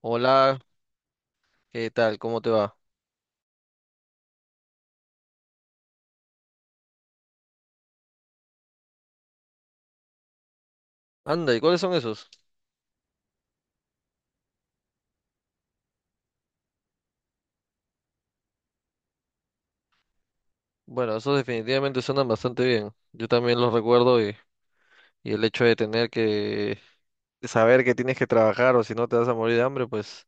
Hola, ¿qué tal? ¿Cómo te va? Anda, ¿y cuáles son esos? Bueno, esos definitivamente suenan bastante bien. Yo también los recuerdo y el hecho de tener que de saber que tienes que trabajar o si no te vas a morir de hambre, pues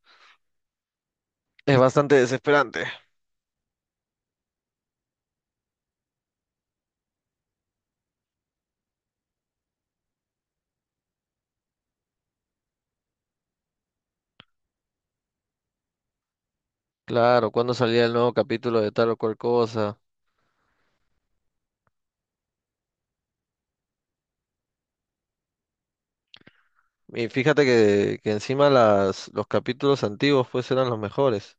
es bastante desesperante. Claro, cuando salía el nuevo capítulo de tal o cual cosa? Y fíjate que encima los capítulos antiguos pues eran los mejores.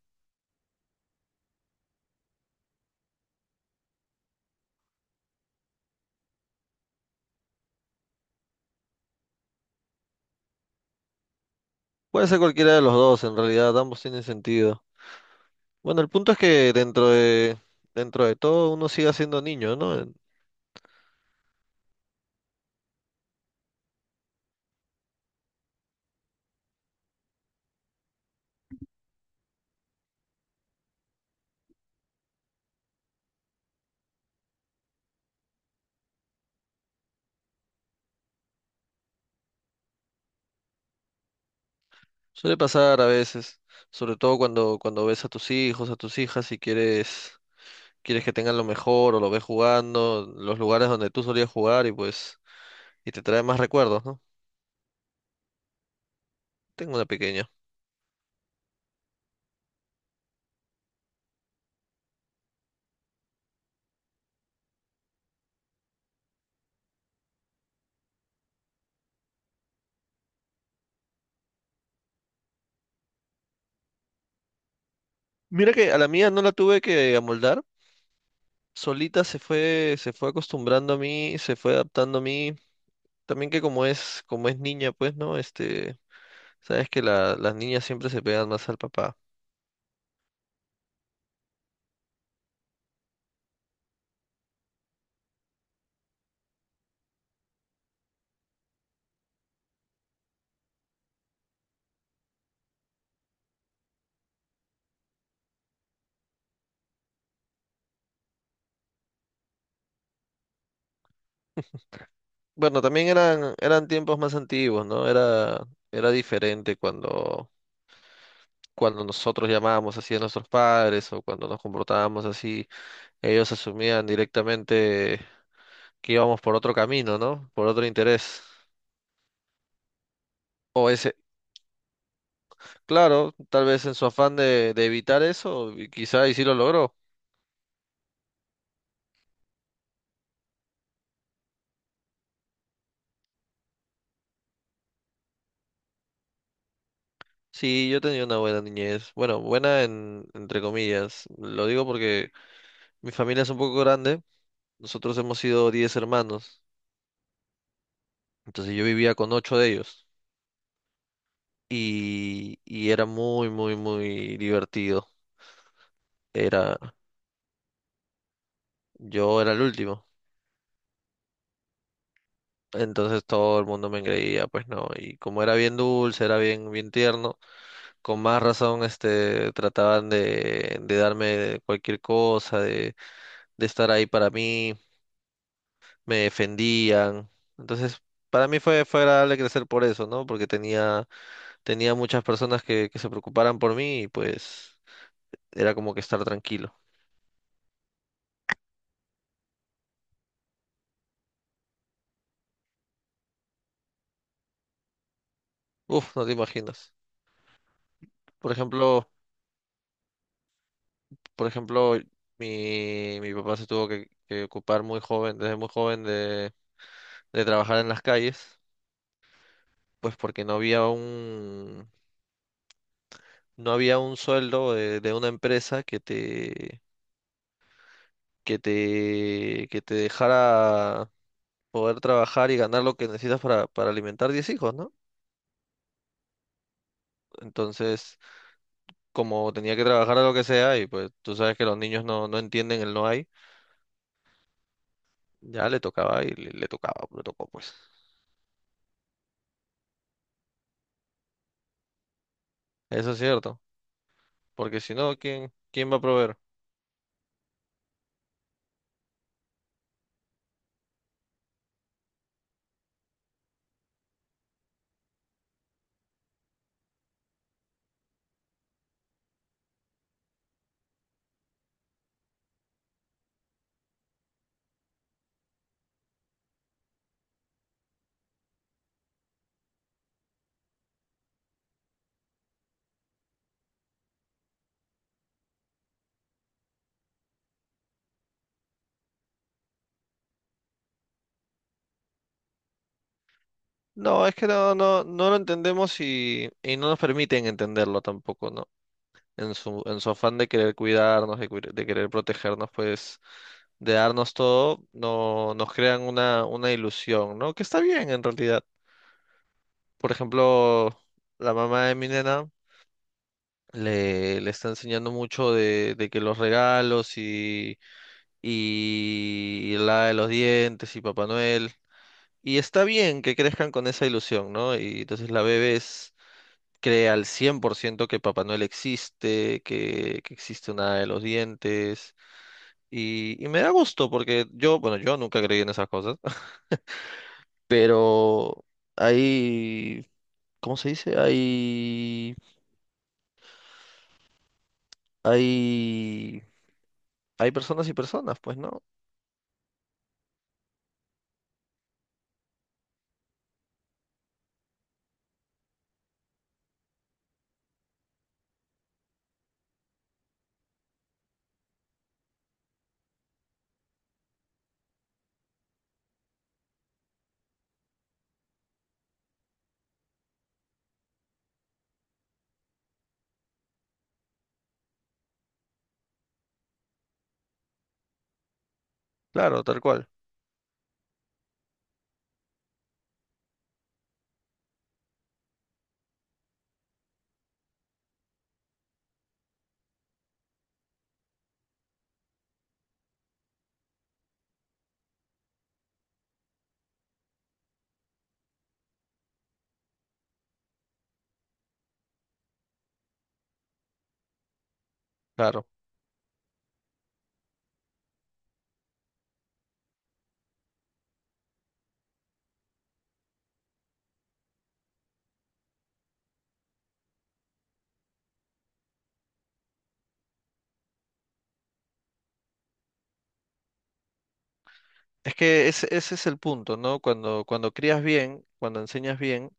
Puede ser cualquiera de los dos, en realidad ambos tienen sentido. Bueno, el punto es que dentro de todo uno sigue siendo niño, ¿no? Suele pasar a veces, sobre todo cuando ves a tus hijos, a tus hijas y quieres que tengan lo mejor o lo ves jugando, los lugares donde tú solías jugar y pues, y te trae más recuerdos, ¿no? Tengo una pequeña. Mira que a la mía no la tuve que amoldar, solita se fue acostumbrando a mí, se fue adaptando a mí. También que como es niña, pues, ¿no? Este, sabes que las niñas siempre se pegan más al papá. Bueno, también eran tiempos más antiguos, ¿no? Era diferente cuando nosotros llamábamos así a nuestros padres o cuando nos comportábamos así, ellos asumían directamente que íbamos por otro camino, ¿no? Por otro interés. O ese, claro, tal vez en su afán de evitar eso, y quizá y sí lo logró. Sí, yo tenía una buena niñez. Bueno, buena en, entre comillas. Lo digo porque mi familia es un poco grande. Nosotros hemos sido 10 hermanos. Entonces yo vivía con ocho de ellos. Y era muy divertido. Era. Yo era el último. Entonces todo el mundo me engreía, pues no. Y como era bien dulce, era bien tierno, con más razón, este, trataban de darme cualquier cosa, de estar ahí para mí, me defendían. Entonces, para mí fue agradable crecer por eso, ¿no? Porque tenía, tenía muchas personas que se preocuparan por mí y pues era como que estar tranquilo. Uf, no te imaginas. Por ejemplo, por ejemplo, mi papá se tuvo que ocupar muy joven, desde muy joven de trabajar en las calles, pues porque no había no había un sueldo de una empresa que te dejara poder trabajar y ganar lo que necesitas para alimentar 10 hijos, ¿no? Entonces, como tenía que trabajar a lo que sea, y pues tú sabes que los niños no entienden el no hay, ya le tocaba le tocaba, le tocó pues. Eso es cierto, porque si no, quién va a proveer? No, es que no lo entendemos y no nos permiten entenderlo tampoco, ¿no? En su afán de querer cuidarnos, de querer protegernos, pues, de darnos todo, no, nos crean una ilusión, ¿no? Que está bien en realidad. Por ejemplo, la mamá de mi nena le está enseñando mucho de que los regalos y la de los dientes y Papá Noel. Y está bien que crezcan con esa ilusión, ¿no? Y entonces la bebé es cree al 100% que Papá Noel existe, que existe una hada de los dientes. Y me da gusto porque yo, bueno, yo nunca creí en esas cosas, pero hay, ¿cómo se dice? Hay, hay personas y personas, pues, ¿no? Claro, tal cual, claro. Es que ese es el punto, ¿no? Cuando crías bien, cuando enseñas bien,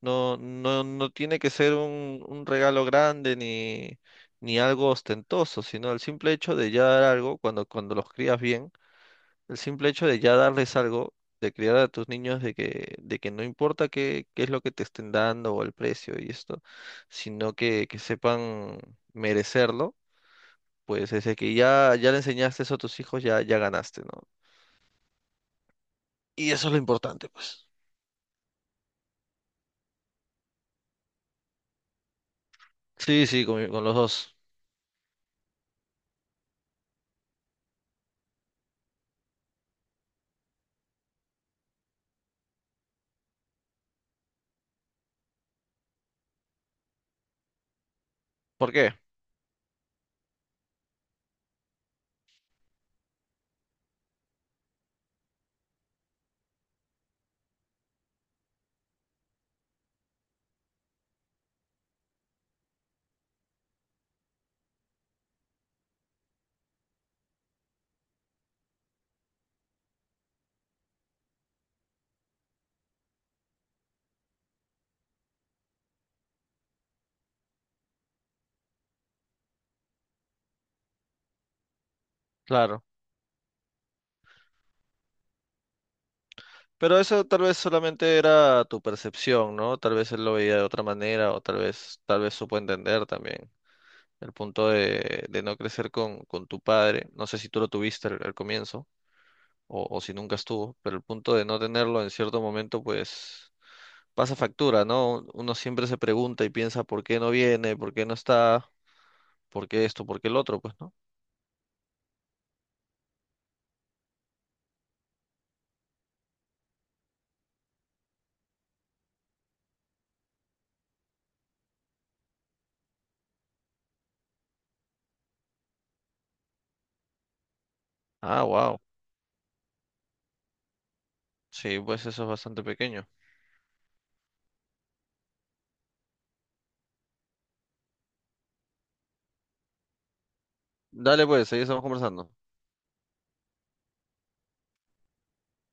no, no tiene que ser un regalo grande ni, ni algo ostentoso, sino el simple hecho de ya dar algo, cuando los crías bien, el simple hecho de ya darles algo, de criar a tus niños de de que no importa qué es lo que te estén dando o el precio y esto, sino que sepan merecerlo, pues desde que ya le enseñaste eso a tus hijos, ya ganaste, ¿no? Y eso es lo importante, pues. Sí, sí, con, con los dos. ¿Por qué? Claro. Pero eso tal vez solamente era tu percepción, ¿no? Tal vez él lo veía de otra manera o tal vez supo entender también el punto de no crecer con tu padre. No sé si tú lo tuviste al comienzo o si nunca estuvo, pero el punto de no tenerlo en cierto momento, pues pasa factura, ¿no? Uno siempre se pregunta y piensa por qué no viene, por qué no está, por qué esto, por qué el otro, pues, ¿no? Ah, wow. Sí, pues eso es bastante pequeño. Dale, pues, ahí estamos conversando.